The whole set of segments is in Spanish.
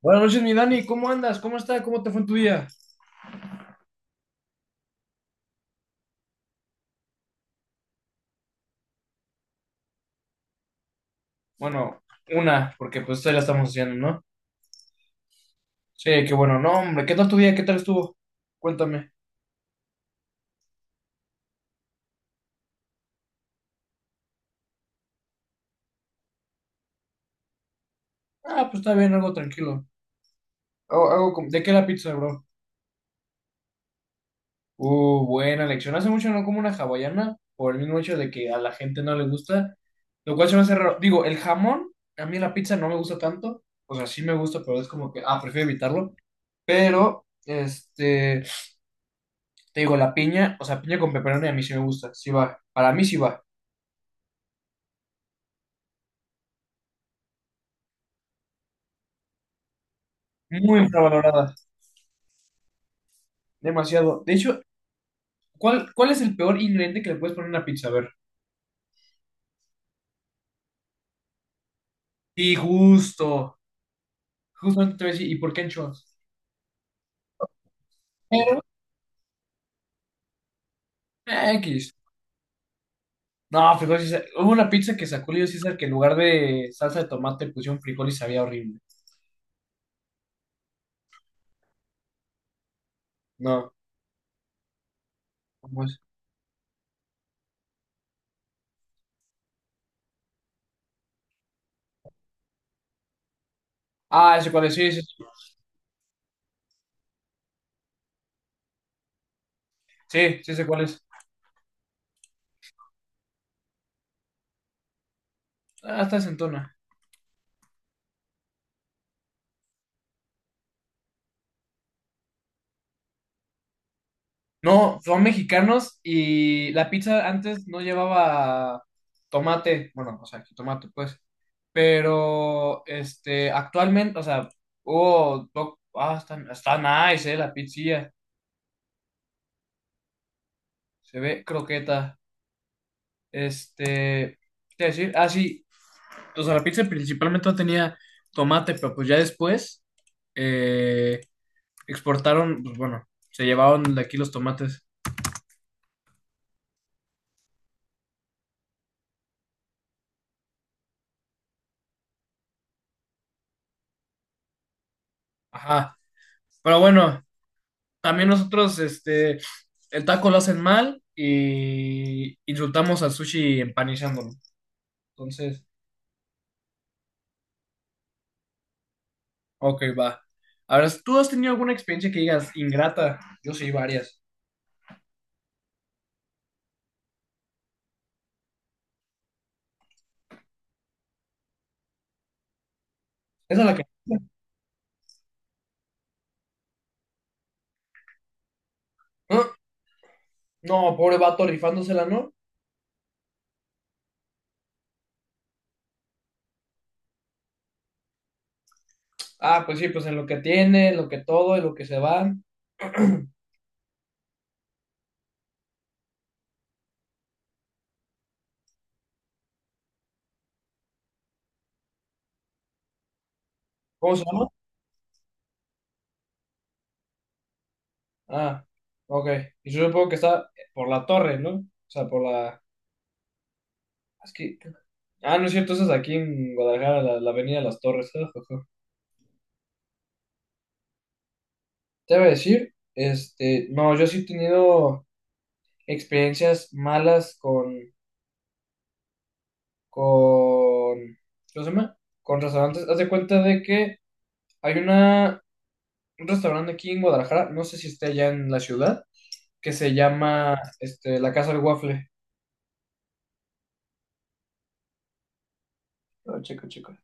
Buenas noches, mi Dani, ¿cómo andas? ¿Cómo está? ¿Cómo te fue en tu día? Bueno, una, porque pues todavía la estamos haciendo, ¿no? Sí, qué bueno, no, hombre, ¿qué tal tu día? ¿Qué tal estuvo? Cuéntame. Ah, pues está bien, algo tranquilo. ¿De qué la pizza, bro? Buena elección. Hace mucho no como una hawaiana, por el mismo hecho de que a la gente no le gusta, lo cual se me hace raro. Digo, el jamón, a mí la pizza no me gusta tanto, o sea, sí me gusta, pero es como que, ah, prefiero evitarlo, pero, este... te digo, la piña, o sea, piña con pepperoni a mí sí me gusta, sí va, para mí sí va. Muy infravalorada, demasiado. De hecho, ¿cuál es el peor ingrediente que le puedes poner a una pizza? A ver. Sí, justo, justamente te voy a decir, ¿y por qué anchoas? Pero, X. No, frijoles hubo una pizza que sacó Julio César que en lugar de salsa de tomate pusieron frijol y sabía horrible. No, ¿cómo es? Ah, ese cuál es, sí, sí, sí, sí, sí, sé cuál es. Ah, está sentona. No, son mexicanos y la pizza antes no llevaba tomate, bueno, o sea, tomate pues, pero actualmente, o sea, ah, está nice, la pizzilla, se ve croqueta, este, ¿qué te iba a decir? Ah, sí, o sea, la pizza principalmente no tenía tomate, pero pues ya después eh, exportaron, pues bueno, se llevaron de aquí los tomates, ajá, pero bueno. También nosotros, el taco lo hacen mal y insultamos al sushi empanizándolo. Entonces, ok, va. Ahora, ¿tú has tenido alguna experiencia que digas ingrata? Yo sí, varias. Esa es la que... ¿Ah? No, pobre vato rifándosela, ¿no? Ah, pues sí, pues en lo que tiene, en lo que todo, en lo que se va. ¿Cómo se llama? Ah, ok. Y yo supongo que está por la torre, ¿no? O sea, por la... Es que... Ah, no es cierto, esa es aquí en Guadalajara, la Avenida de las Torres. Te voy a decir, no, yo sí he tenido experiencias malas con, con, ¿cómo se llama? Con restaurantes. Haz de cuenta de que hay un restaurante aquí en Guadalajara, no sé si está allá en la ciudad, que se llama, La Casa del Waffle. Oh, chico, chico.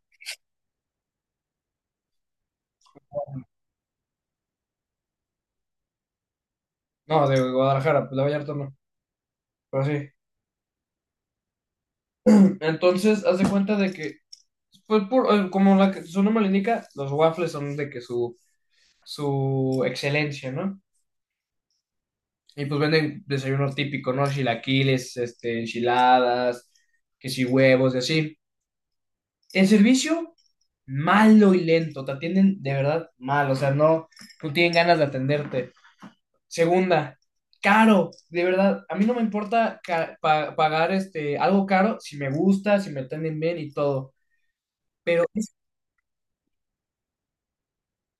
No, de Guadalajara, pues, de Vallarta no, pero sí. Entonces, haz de cuenta de que, pues, como su nombre lo indica, los waffles son de que su excelencia, ¿no? Y pues venden desayuno típico, ¿no? Chilaquiles, enchiladas, que si huevos y así. El servicio, malo y lento. Te atienden de verdad mal, o sea, no, no tienen ganas de atenderte. Segunda, caro, de verdad. A mí no me importa pagar algo caro si me gusta, si me atienden bien y todo. Pero es,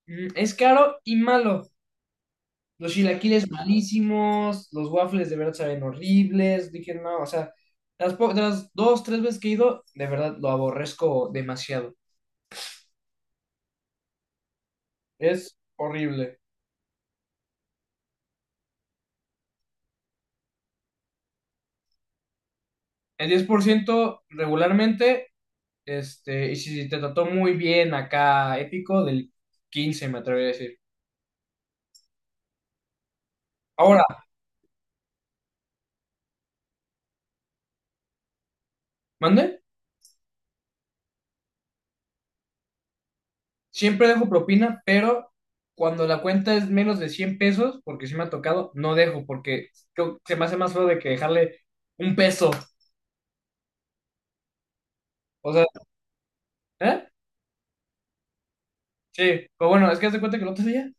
mm, es caro y malo. Los chilaquiles malísimos, los waffles de verdad saben horribles. Dije, no, o sea, de las dos, tres veces que he ido, de verdad lo aborrezco demasiado. Es horrible. El 10% regularmente, y si te trató muy bien acá, épico, del 15 me atrevería a decir. Ahora, mande, siempre dejo propina, pero cuando la cuenta es menos de 100 pesos, porque si me ha tocado, no dejo, porque creo que se me hace más feo de que dejarle un peso. O sea, ¿eh? Sí, pero bueno, es que haz de cuenta que el otro día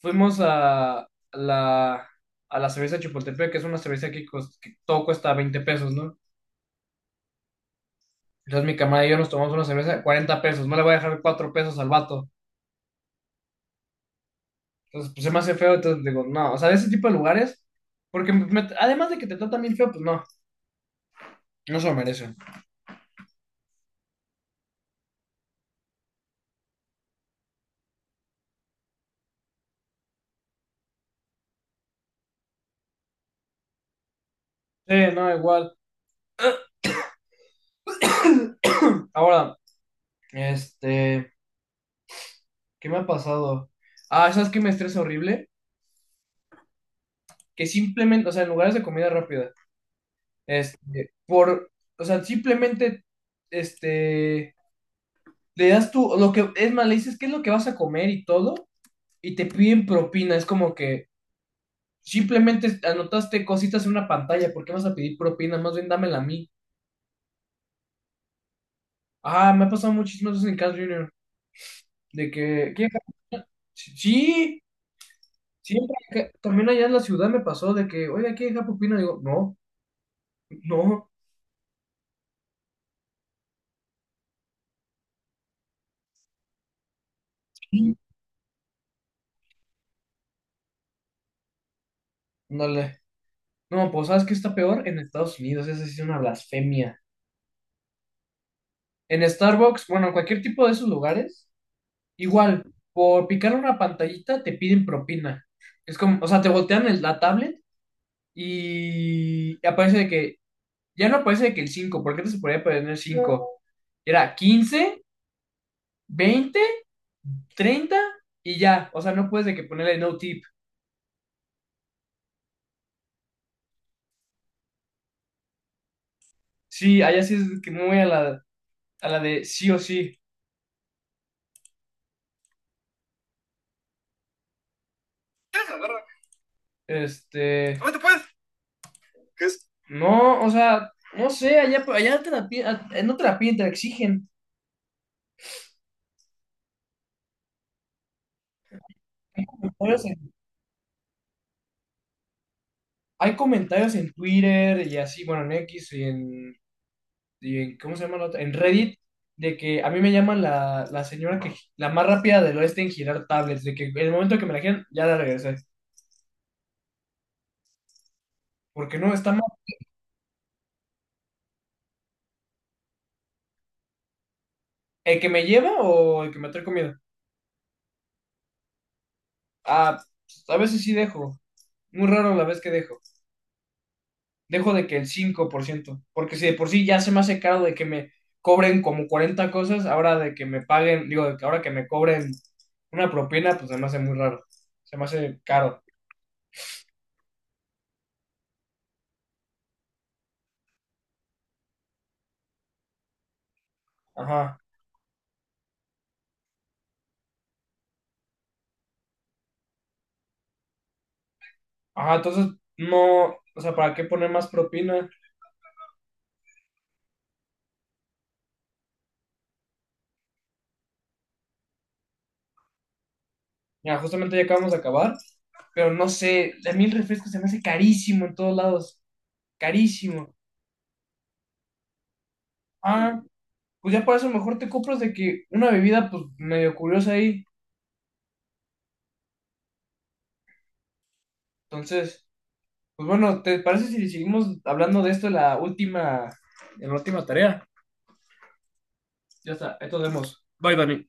fuimos a a la cerveza Chapultepec, que es una cerveza que, que todo cuesta 20 pesos, ¿no? Entonces mi camarada y yo nos tomamos una cerveza de 40 pesos, no le voy a dejar 4 pesos al vato. Entonces, pues se me hace feo, entonces digo, no, o sea, de ese tipo de lugares, porque además de que te tratan bien feo, pues no, no se lo merecen. Sí, no, igual. Ahora, este, ¿qué me ha pasado? Ah, ¿sabes qué me estresa horrible? Que simplemente, o sea, en lugares de comida rápida. Este, por, o sea, simplemente, este, le das tú, lo que, es más, le dices qué es lo que vas a comer y todo, y te piden propina, es como que simplemente anotaste cositas en una pantalla, ¿por qué vas a pedir propina? Más bien dámela a mí. Ah, me ha pasado muchísimas veces en Carl Jr., de que, ¿qué? Sí, sí, siempre, también allá en la ciudad me pasó de que, oye, ¿qué deja propina? Digo, no, no, dale no, pues, ¿sabes qué está peor? En Estados Unidos, esa sí es una blasfemia. En Starbucks, bueno, en cualquier tipo de esos lugares, igual, por picar una pantallita te piden propina. Es como, o sea, te voltean la tablet y aparece de que, ya no aparece de que el 5, porque antes se podía poner cinco. Era 15, 20, 30 y ya. O sea, no puedes de que ponerle no tip. Sí, allá sí es que muy a a la de sí o sí. ¿Cómo te puedes? ¿Qué es? No, o sea, no sé, allá, te la, no te la piden, te la exigen. Hay comentarios en Twitter y así, bueno, en X y y en ¿cómo se llama la otra? En Reddit, de que a mí me llaman la señora que, la más rápida del oeste en girar tablets, de que en el momento que me la giran, ya la regresé. Porque no, está mal. ¿El que me lleva o el que me trae comida? Ah, pues, a veces sí dejo. Muy raro la vez que dejo. Dejo de que el 5%. Porque si de por sí ya se me hace caro de que me cobren como 40 cosas, ahora de que me paguen, digo, de que ahora que me cobren una propina, pues se me hace muy raro. Se me hace caro. Ajá, ajá, entonces no, o sea, ¿para qué poner más propina? Ya, justamente ya acabamos de acabar, pero no sé, a mí el refresco se me hace carísimo en todos lados, carísimo. Ah, pues ya para eso mejor te compras de que una bebida, pues medio curiosa ahí. Entonces, pues bueno, ¿te parece si seguimos hablando de esto en la última tarea? Ya está, ahí nos vemos. Bye, Dani.